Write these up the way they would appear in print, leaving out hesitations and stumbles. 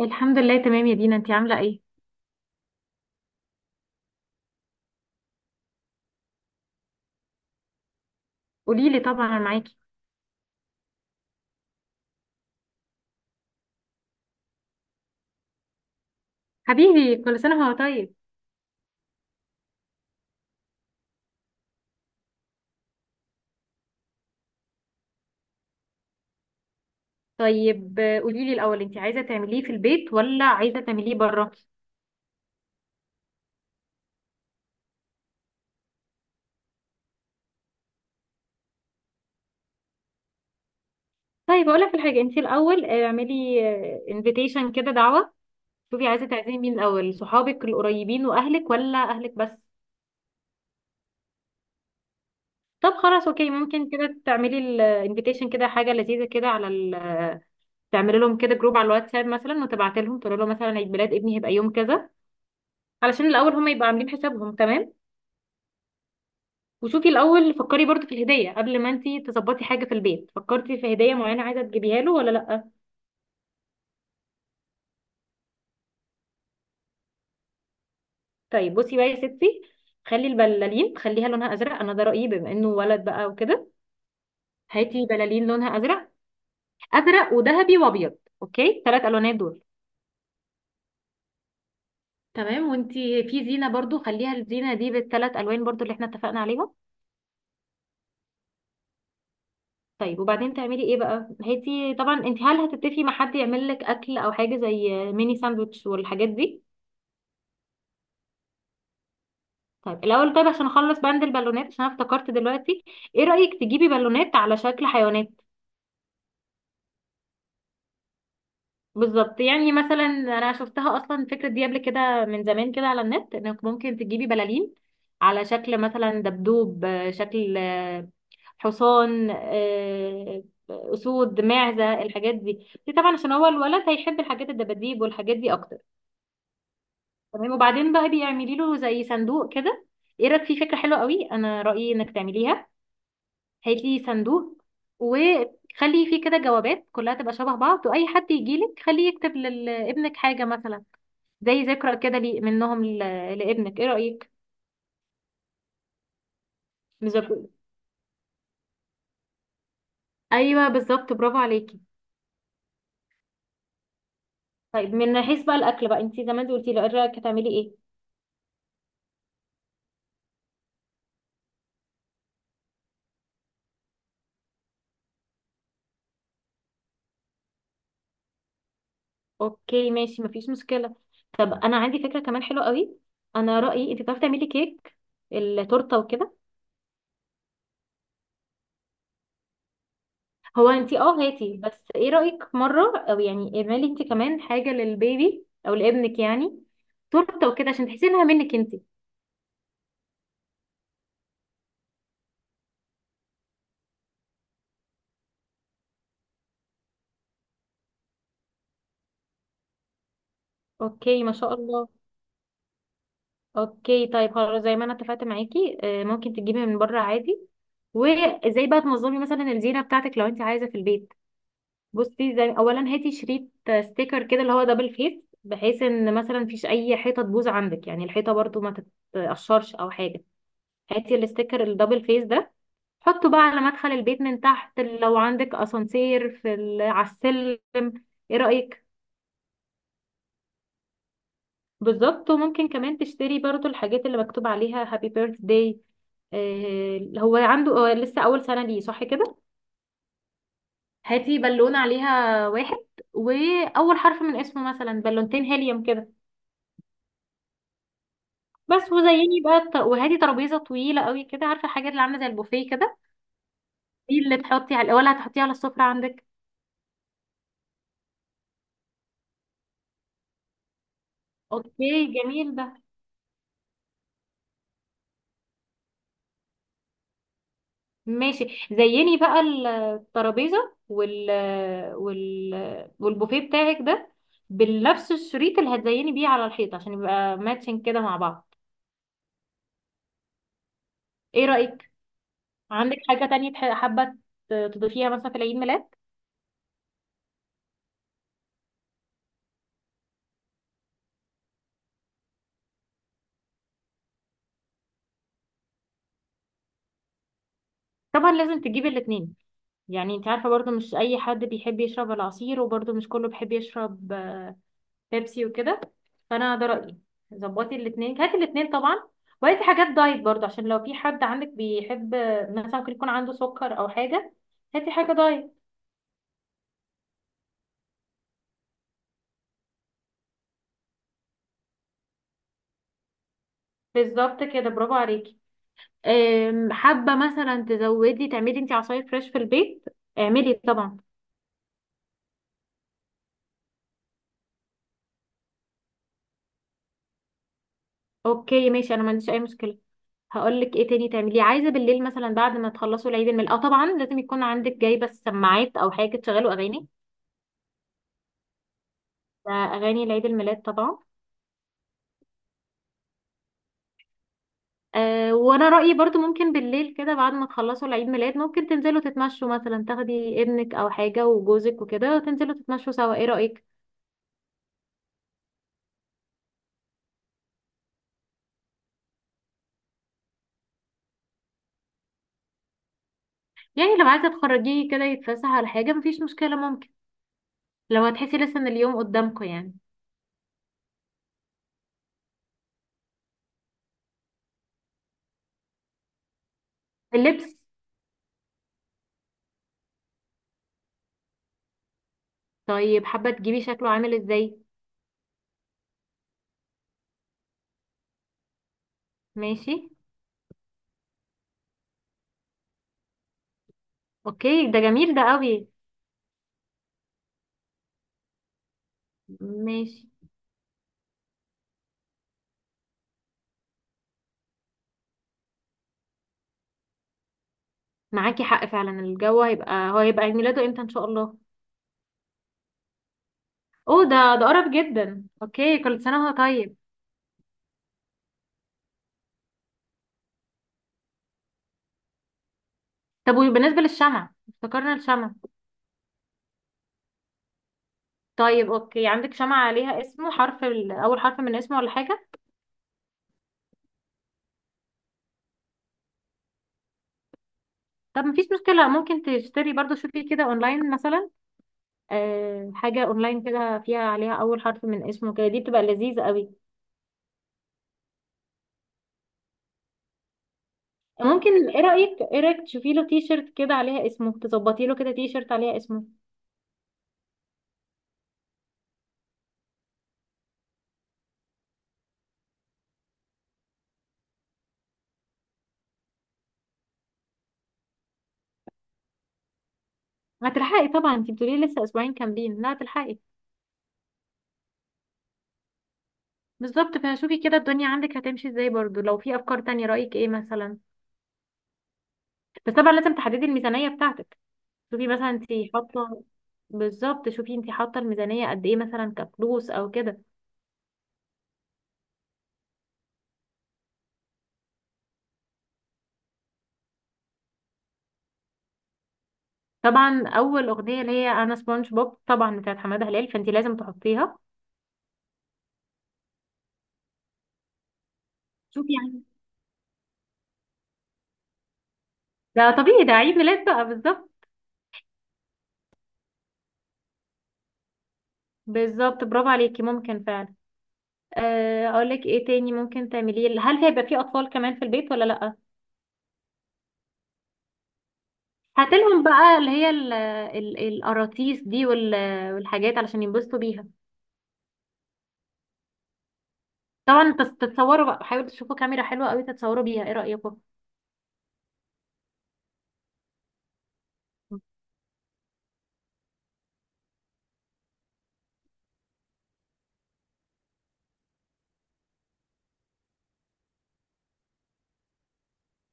الحمد لله تمام يا دينا، انتي عاملة ايه؟ قوليلي، طبعا انا معاكي. حبيبي كل سنة وهو طيب. طيب قوليلي الأول انتي عايزة تعمليه في البيت ولا عايزة تعمليه بره؟ طيب اقولك الحاجة انتي الأول، اعملي انفيتيشن كده، دعوة. شوفي عايزة تعزمي مين الأول، صحابك القريبين وأهلك ولا أهلك بس؟ طب خلاص اوكي، ممكن كده تعملي الانفيتيشن كده حاجة لذيذة كده على تعملي لهم كده جروب على الواتساب مثلا، وتبعتي لهم تقول لهم مثلا عيد ميلاد ابني هيبقى يوم كذا، علشان الأول هم يبقوا عاملين حسابهم تمام؟ وشوفي الاول فكري برضو في الهديه، قبل ما انتي تظبطي حاجه في البيت فكرتي في هديه معينه عايزه تجيبيها له ولا لا؟ طيب بصي بقى يا ستي، خلي البلالين خليها لونها ازرق، انا ده رايي بما انه ولد بقى وكده. هاتي بلالين لونها ازرق، ازرق وذهبي وابيض، اوكي ثلاث الوانات دول. تمام، وانتي في زينه برضو خليها الزينه دي بالثلاث الوان برضو اللي احنا اتفقنا عليهم. طيب وبعدين تعملي ايه بقى؟ هاتي طبعا، انت هل هتتفقي مع حد يعمل لك اكل او حاجه زي ميني ساندوتش والحاجات دي؟ طيب الاول، طيب عشان اخلص بند البالونات، عشان أنا افتكرت دلوقتي، ايه رايك تجيبي بالونات على شكل حيوانات؟ بالظبط، يعني مثلا انا شفتها اصلا الفكره دي قبل كده من زمان كده على النت، انك ممكن تجيبي بلالين على شكل مثلا دبدوب، شكل، حصان، اسود، معزه، الحاجات دي. دي طبعا عشان هو الولد هيحب الحاجات الدباديب والحاجات دي اكتر. تمام، وبعدين بقى بيعملي له زي صندوق كده. ايه رايك في فكره حلوه قوي؟ انا رايي انك تعمليها. هات لي صندوق، وخلي فيه كده جوابات كلها تبقى شبه بعض، واي حد يجيلك خليه يكتب لابنك حاجه، مثلا زي ذكرى كده لي منهم لابنك. ايه رايك؟ نذاكر، ايوه بالظبط، برافو عليكي. طيب من حيث بقى الاكل بقى، انتي زمان قلتي لي ايه رايك هتعملي ايه؟ اوكي ماشي، مفيش مشكله. طب انا عندي فكره كمان حلوه قوي، انا رايي انتي بتعرفي تعملي كيك، التورته وكده. هو انتي اه هاتي بس، ايه رأيك مرة، او يعني اعملي انتي كمان حاجة للبيبي او لابنك، يعني تورته وكده عشان تحسي انها منك انتي. اوكي، ما شاء الله. اوكي طيب خلاص، زي ما انا اتفقت معاكي، ممكن تجيبي من بره عادي. وازاي بقى تنظمي مثلا الزينة بتاعتك لو انتي عايزة في البيت، بصي، زي اولا هاتي شريط، ستيكر كده اللي هو دبل فيس، بحيث ان مثلا مفيش اي حيطة تبوظ عندك، يعني الحيطة برضو ما تتقشرش او حاجة. هاتي الستيكر الدبل فيس ده، حطه بقى على مدخل البيت من تحت، لو عندك اسانسير، في على السلم. ايه رأيك؟ بالظبط، وممكن كمان تشتري برضو الحاجات اللي مكتوب عليها هابي بيرث داي. هو عنده، هو لسه اول سنة ليه، صح كده؟ هاتي بالونة عليها واحد، واول حرف من اسمه مثلا، بالونتين هيليوم كده بس. وزيني بقى وهاتي ترابيزة طويلة قوي كده، عارفة الحاجات اللي عاملة زي البوفيه كده. دي اللي تحطي على، ولا هتحطيها على السفرة عندك؟ اوكي جميل ده، ماشي. زيني بقى الترابيزة وال والبوفيه بتاعك ده بنفس الشريط اللي هتزيني بيه على الحيط، عشان يبقى ماتشنج كده مع بعض. ايه رأيك؟ عندك حاجة تانية حابة تضيفيها مثلا في العيد ميلاد؟ طبعا لازم تجيبي الاتنين، يعني انت عارفة برضو مش اي حد بيحب يشرب العصير، وبرضو مش كله بيحب يشرب بيبسي وكده. فانا ده رايي، ظبطي الاثنين، هاتي الاثنين طبعا. وهاتي حاجات دايت برضو، عشان لو في حد عندك بيحب، مثلا ممكن يكون عنده سكر او حاجه، هاتي حاجه دايت. بالظبط كده، برافو عليكي. حابه مثلا تزودي تعملي انت عصاير فريش في البيت، اعملي طبعا. اوكي ماشي، انا ما عنديش اي مشكله. هقول لك ايه تاني تعمليه، عايزه بالليل مثلا بعد ما تخلصوا العيد الميلاد، اه طبعا لازم يكون عندك جايبه السماعات او حاجه تشغلوا اغاني، ده اغاني العيد الميلاد طبعا. أه، وانا رأيي برضو ممكن بالليل كده بعد ما تخلصوا العيد ميلاد، ممكن تنزلوا تتمشوا مثلا، تاخدي ابنك او حاجة وجوزك وكده، وتنزلوا تتمشوا سوا. ايه رأيك؟ يعني لو عايزة تخرجيه كده يتفسح على حاجة مفيش مشكلة، ممكن لو هتحسي لسه ان اليوم قدامكم يعني. اللبس، طيب حابة تجيبي شكله عامل ازاي؟ ماشي. اوكي ده جميل ده قوي. ماشي، معاكي حق فعلا، الجو هيبقى، هو هيبقى عيد ميلاده امتى ان شاء الله؟ اوه، ده قرب جدا، اوكي كل سنة وهو طيب. طب وبالنسبة للشمع، افتكرنا الشمع. طيب اوكي، عندك شمعة عليها اسمه، حرف اول حرف من اسمه ولا حاجة؟ طب مفيش مشكلة، ممكن تشتري برضو، شوفي كده اونلاين مثلا. أه حاجة اونلاين كده فيها عليها اول حرف من اسمه كده، دي بتبقى لذيذة قوي. ممكن، ايه رأيك تشوفي له تي شيرت كده عليها اسمه، تظبطي له كده تي شيرت عليها اسمه. هتلحقي طبعا، انت بتقولي لي لسه اسبوعين كاملين، لا هتلحقي. بالظبط، فشوفي كده الدنيا عندك هتمشي ازاي، برضو لو في افكار تانية رأيك ايه مثلا، بس طبعا لازم تحددي الميزانية بتاعتك. شوفي مثلا انت حاطه، بالظبط شوفي انت حاطه الميزانيه قد ايه مثلا، كفلوس او كده. طبعا اول اغنيه اللي هي انا سبونج بوب طبعا بتاعت حماده هلال، فانت لازم تحطيها. شوفي يعني، ده طبيعي، ده عيد ميلاد بقى بالظبط. بالظبط برافو عليكي، ممكن فعلا. اقول لك ايه تاني ممكن تعمليه، هل هيبقى في اطفال كمان في البيت ولا لا؟ هاتلهم بقى اللي هي القراطيس دي والحاجات علشان ينبسطوا بيها. طبعا تتصوروا بقى، حاولوا تشوفوا كاميرا حلوه قوي تتصوروا بيها، ايه رايكم؟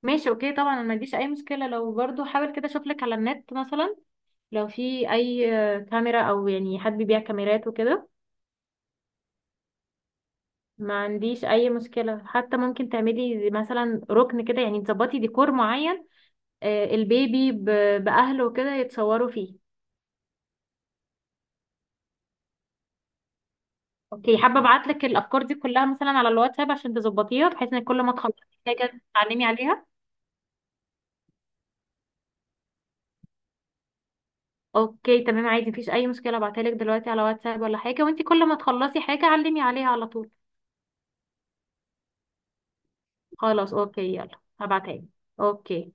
ماشي اوكي، طبعا أنا ما عنديش اي مشكله، لو برضو حاول كده اشوف لك على النت مثلا لو في اي كاميرا، او يعني حد بيبيع كاميرات وكده. ما عنديش اي مشكله، حتى ممكن تعملي زي مثلا ركن كده، يعني تظبطي ديكور معين، البيبي باهله وكده يتصوروا فيه. اوكي، حابه ابعت لك الافكار دي كلها مثلا على الواتساب عشان تظبطيها، بحيث ان كل ما تخلصي حاجه تتعلمي عليها. اوكي تمام عادي، مفيش اي مشكله، ابعتها لك دلوقتي على واتساب ولا حاجه، وانت كل ما تخلصي حاجه علمي عليها على طول. خلاص اوكي، يلا هبعتها لي. اوكي.